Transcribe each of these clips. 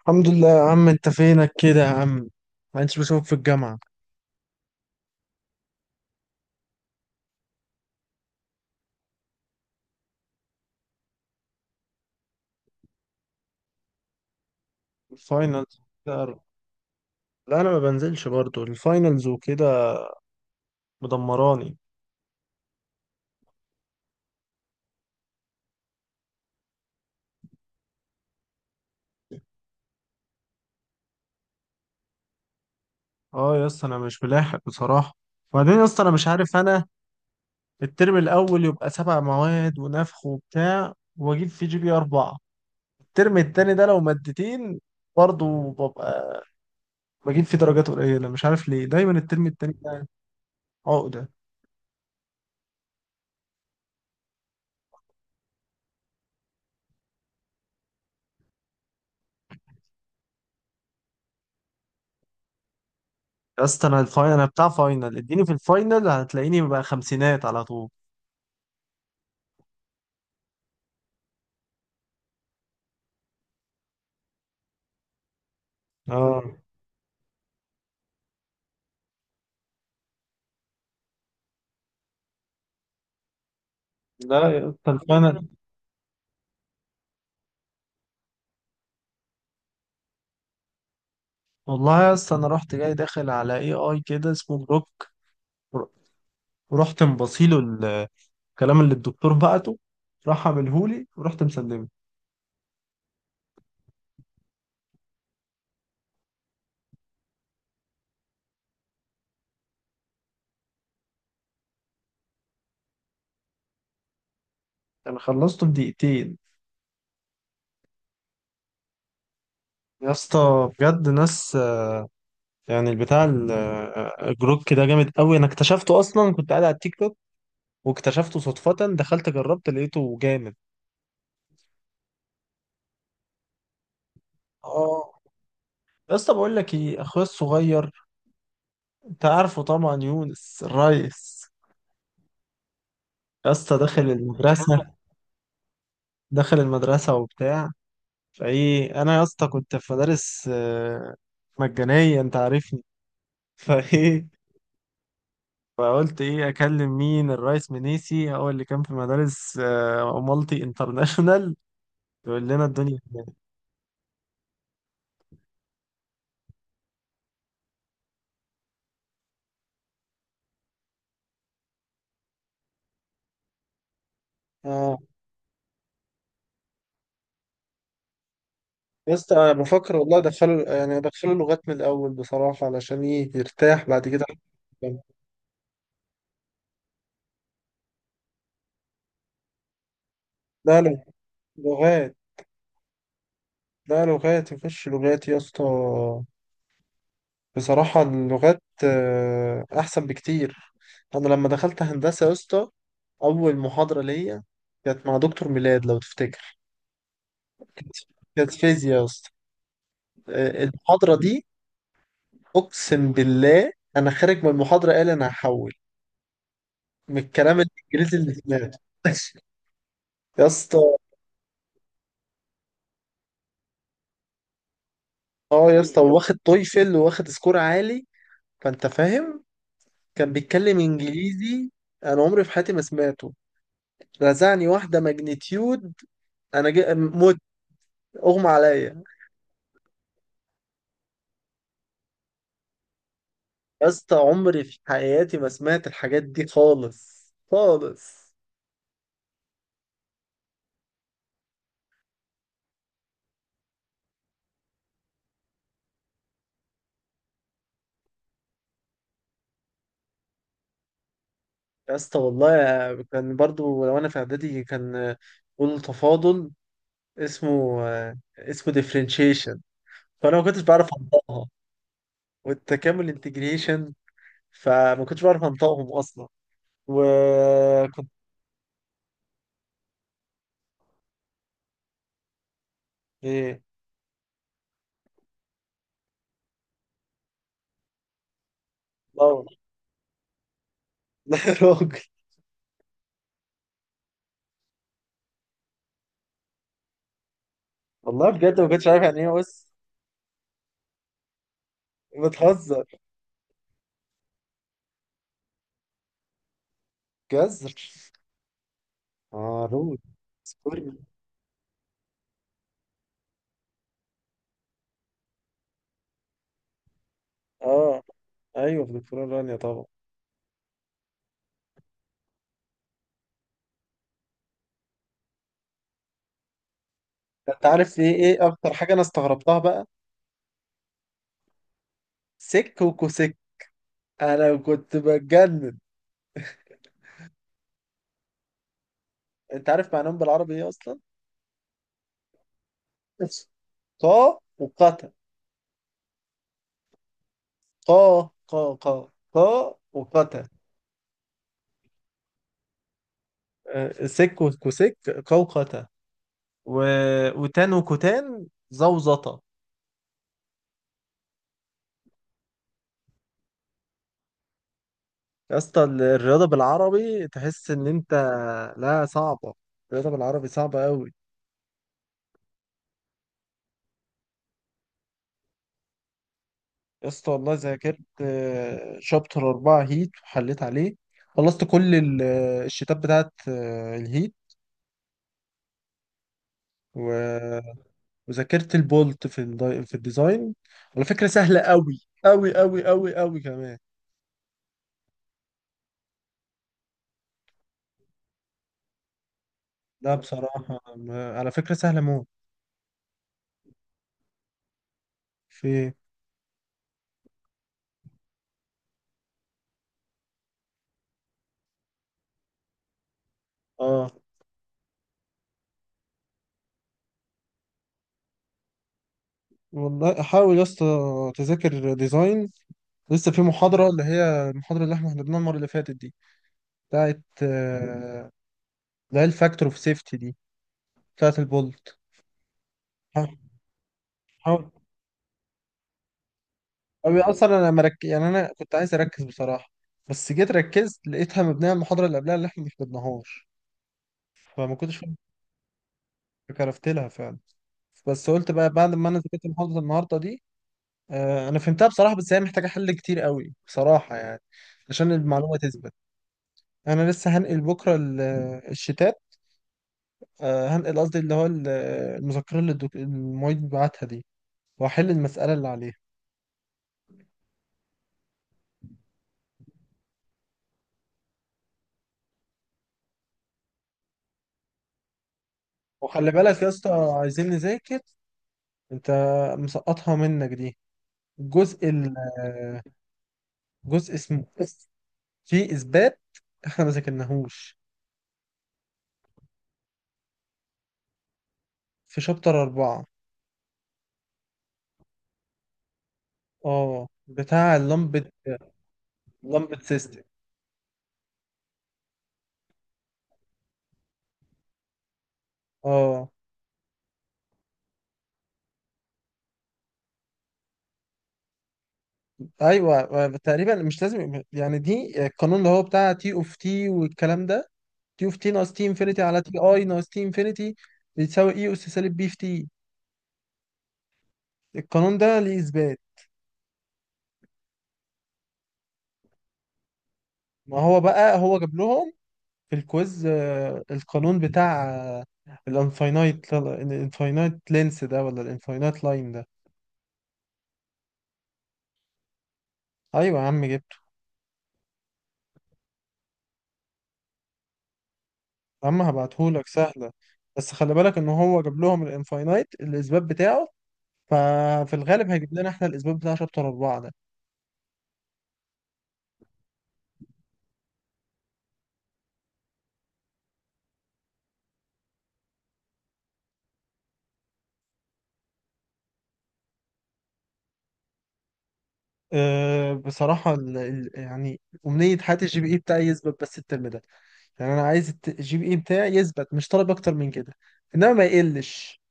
الحمد لله يا عم. انت فينك كده يا عم؟ ما انتش بشوفك في الجامعة. الفاينلز. لا. انا ما بنزلش برضو الفاينلز وكده، مدمراني. اه يا اسطى انا مش ملاحق بصراحة. وبعدين يا اسطى انا مش عارف، انا الترم الاول يبقى سبع مواد ونفخ وبتاع واجيب فيه جي بي اربعة، الترم التاني ده لو مادتين برضو ببقى بجيب فيه درجات قليلة. مش عارف ليه دايما الترم التاني ده عقدة. يا اسطى انا الفاينل، انا بتاع فاينل، اديني في الفاينل هتلاقيني ببقى خمسينات على طول. اه. لا يا اسطى فانا، والله يا اسطى انا رحت جاي داخل على اي اي كده اسمه بروك، ورحت مبصيله الكلام اللي الدكتور بعته، راح عملهولي ورحت مسلمه. انا خلصته في دقيقتين. يا اسطى بجد ناس يعني البتاع الجروك ده جامد قوي. انا اكتشفته اصلا كنت قاعد على التيك توك واكتشفته صدفة، دخلت جربت لقيته جامد. اه. يا اسطى بقول لك ايه، اخويا الصغير، انت عارفه طبعا، يونس الريس. يا اسطى داخل المدرسة. داخل المدرسة وبتاع. فايه انا يا اسطى كنت في مدارس مجانية، انت عارفني. فايه، فقلت ايه اكلم مين؟ الرئيس منيسي هو اللي كان في مدارس مالتي انترناشونال. يقول لنا الدنيا. اه يا اسطى انا بفكر والله ادخله، يعني ادخله لغات من الاول بصراحه، علشان ايه يرتاح بعد كده. لا لا لغات. لا لغات، يخش لغات يا اسطى. بصراحة اللغات أحسن بكتير. أنا لما دخلت هندسة يا اسطى، أول محاضرة ليا كانت مع دكتور ميلاد لو تفتكر. كانت، فيزياء يا اسطى، المحاضرة دي. أقسم بالله أنا خارج من المحاضرة قال أنا هحول، من الكلام الإنجليزي اللي سمعته. يا اسطى. اه يا اسطى واخد تويفل واخد سكور عالي، فأنت فاهم، كان بيتكلم إنجليزي. أنا عمري في حياتي ما سمعته. رزعني واحدة ماجنتيود. أنا جا... اغمى عليا. يا اسطى عمري في حياتي ما سمعت الحاجات دي خالص خالص. يا اسطى والله كان برضو لو انا في اعدادي كان بيقولوا تفاضل، اسمه اسمه ديفرنشيشن، فانا ما كنتش بعرف انطقها. والتكامل انتجريشن، فما كنتش بعرف انطقهم اصلا. وكنت. ايه. لا لا يا راجل. والله بجد ما كنتش عارف يعني ايه اس. بتهزر. جزر. اه رود. سوري. اه. ايوه في دكتوراه رانيا طبعا. انت عارف ايه ايه اكتر حاجه انا استغربتها بقى؟ سك وكوسك. انا كنت بتجنن. انت عارف معناهم بالعربي ايه اصلا؟ قا وقتا. قا قا قا قا وقتا. سك وكوسك. قا وقتا. و... وتان وكتان زوزطة. يا اسطى الرياضه بالعربي تحس ان انت، لا صعبه، الرياضه بالعربي صعبه قوي. يا اسطى والله ذاكرت شابتر أربعة هيت وحليت عليه. خلصت كل الشتات بتاعت الهيت، و- وذاكرت البولت في في الديزاين. على فكرة سهلة أوي أوي أوي أوي أوي كمان. لا بصراحة على فكرة سهلة موت. في. اه. والله حاول يا اسطى تذاكر ديزاين. لسه في محاضرة، اللي هي المحاضرة اللي احنا حضرناها المرة اللي فاتت دي، بتاعت اللي هي الفاكتور اوف سيفتي دي، بتاعت البولت. حاول. أو اصلا يعني انا كنت عايز اركز بصراحه، بس جيت ركزت لقيتها مبنيه على المحاضره اللي قبلها اللي احنا ما حفظناهاش، فما كنتش فاهم. كرفت لها فعلا. بس قلت بقى بعد ما انا ذاكرت محاضره النهارده دي، آه انا فهمتها بصراحه، بس هي محتاجه حل كتير قوي بصراحه يعني، عشان المعلومه تثبت. انا لسه هنقل بكره الشتات، آه هنقل قصدي اللي هو المذكره اللي المعيد بعتها دي، واحل المساله اللي عليها. وخلي بالك يا اسطى، عايزين نذاكر. انت مسقطها منك دي، الجزء ال آه، جزء اسمه، في إثبات إحنا ما ذاكرناهوش. في شابتر أربعة. أه بتاع اللمبد، لمبد سيستم. أه. أيوه تقريبا مش لازم يعني، دي القانون اللي هو بتاع تي أوف تي والكلام ده. تي أوف تي ناقص تي إنفينيتي على تي أي ناقص تي إنفينيتي بيتساوي إي أس سالب بي في تي. القانون ده ليه إثبات. ما هو بقى هو جاب لهم في الكويز القانون بتاع الانفاينايت لينس ده، ولا الانفاينايت لاين ده؟ ايوه يا عم جبته. يا عم هبعتهولك، سهله. بس خلي بالك ان هو جاب لهم الانفاينايت الاثبات بتاعه، ففي الغالب هيجيب لنا احنا الاثبات بتاع شابتر اربعه ده. أه بصراحه يعني امنيه حياتي الجي بي اي بتاعي يثبت بس الترم ده. يعني انا عايز الجي بي اي بتاعي يثبت، مش طالب اكتر من كده، انما ما يقلش.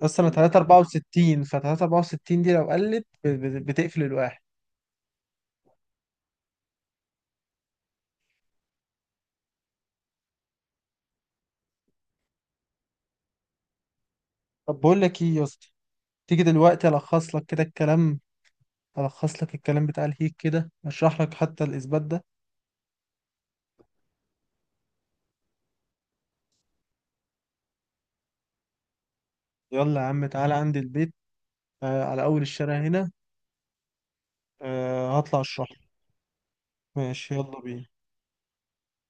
بس انا 364، ف 364 دي لو قلت بتقفل الواحد. طب بقول لك ايه يا اسطى، تيجي دلوقتي الخص لك كده الكلام، الخص لك الكلام بتاع الهيك كده، اشرح لك حتى الاثبات ده. يلا يا عم تعالى عندي البيت، آه على اول الشارع هنا، آه هطلع اشرح لك. ماشي يلا بينا.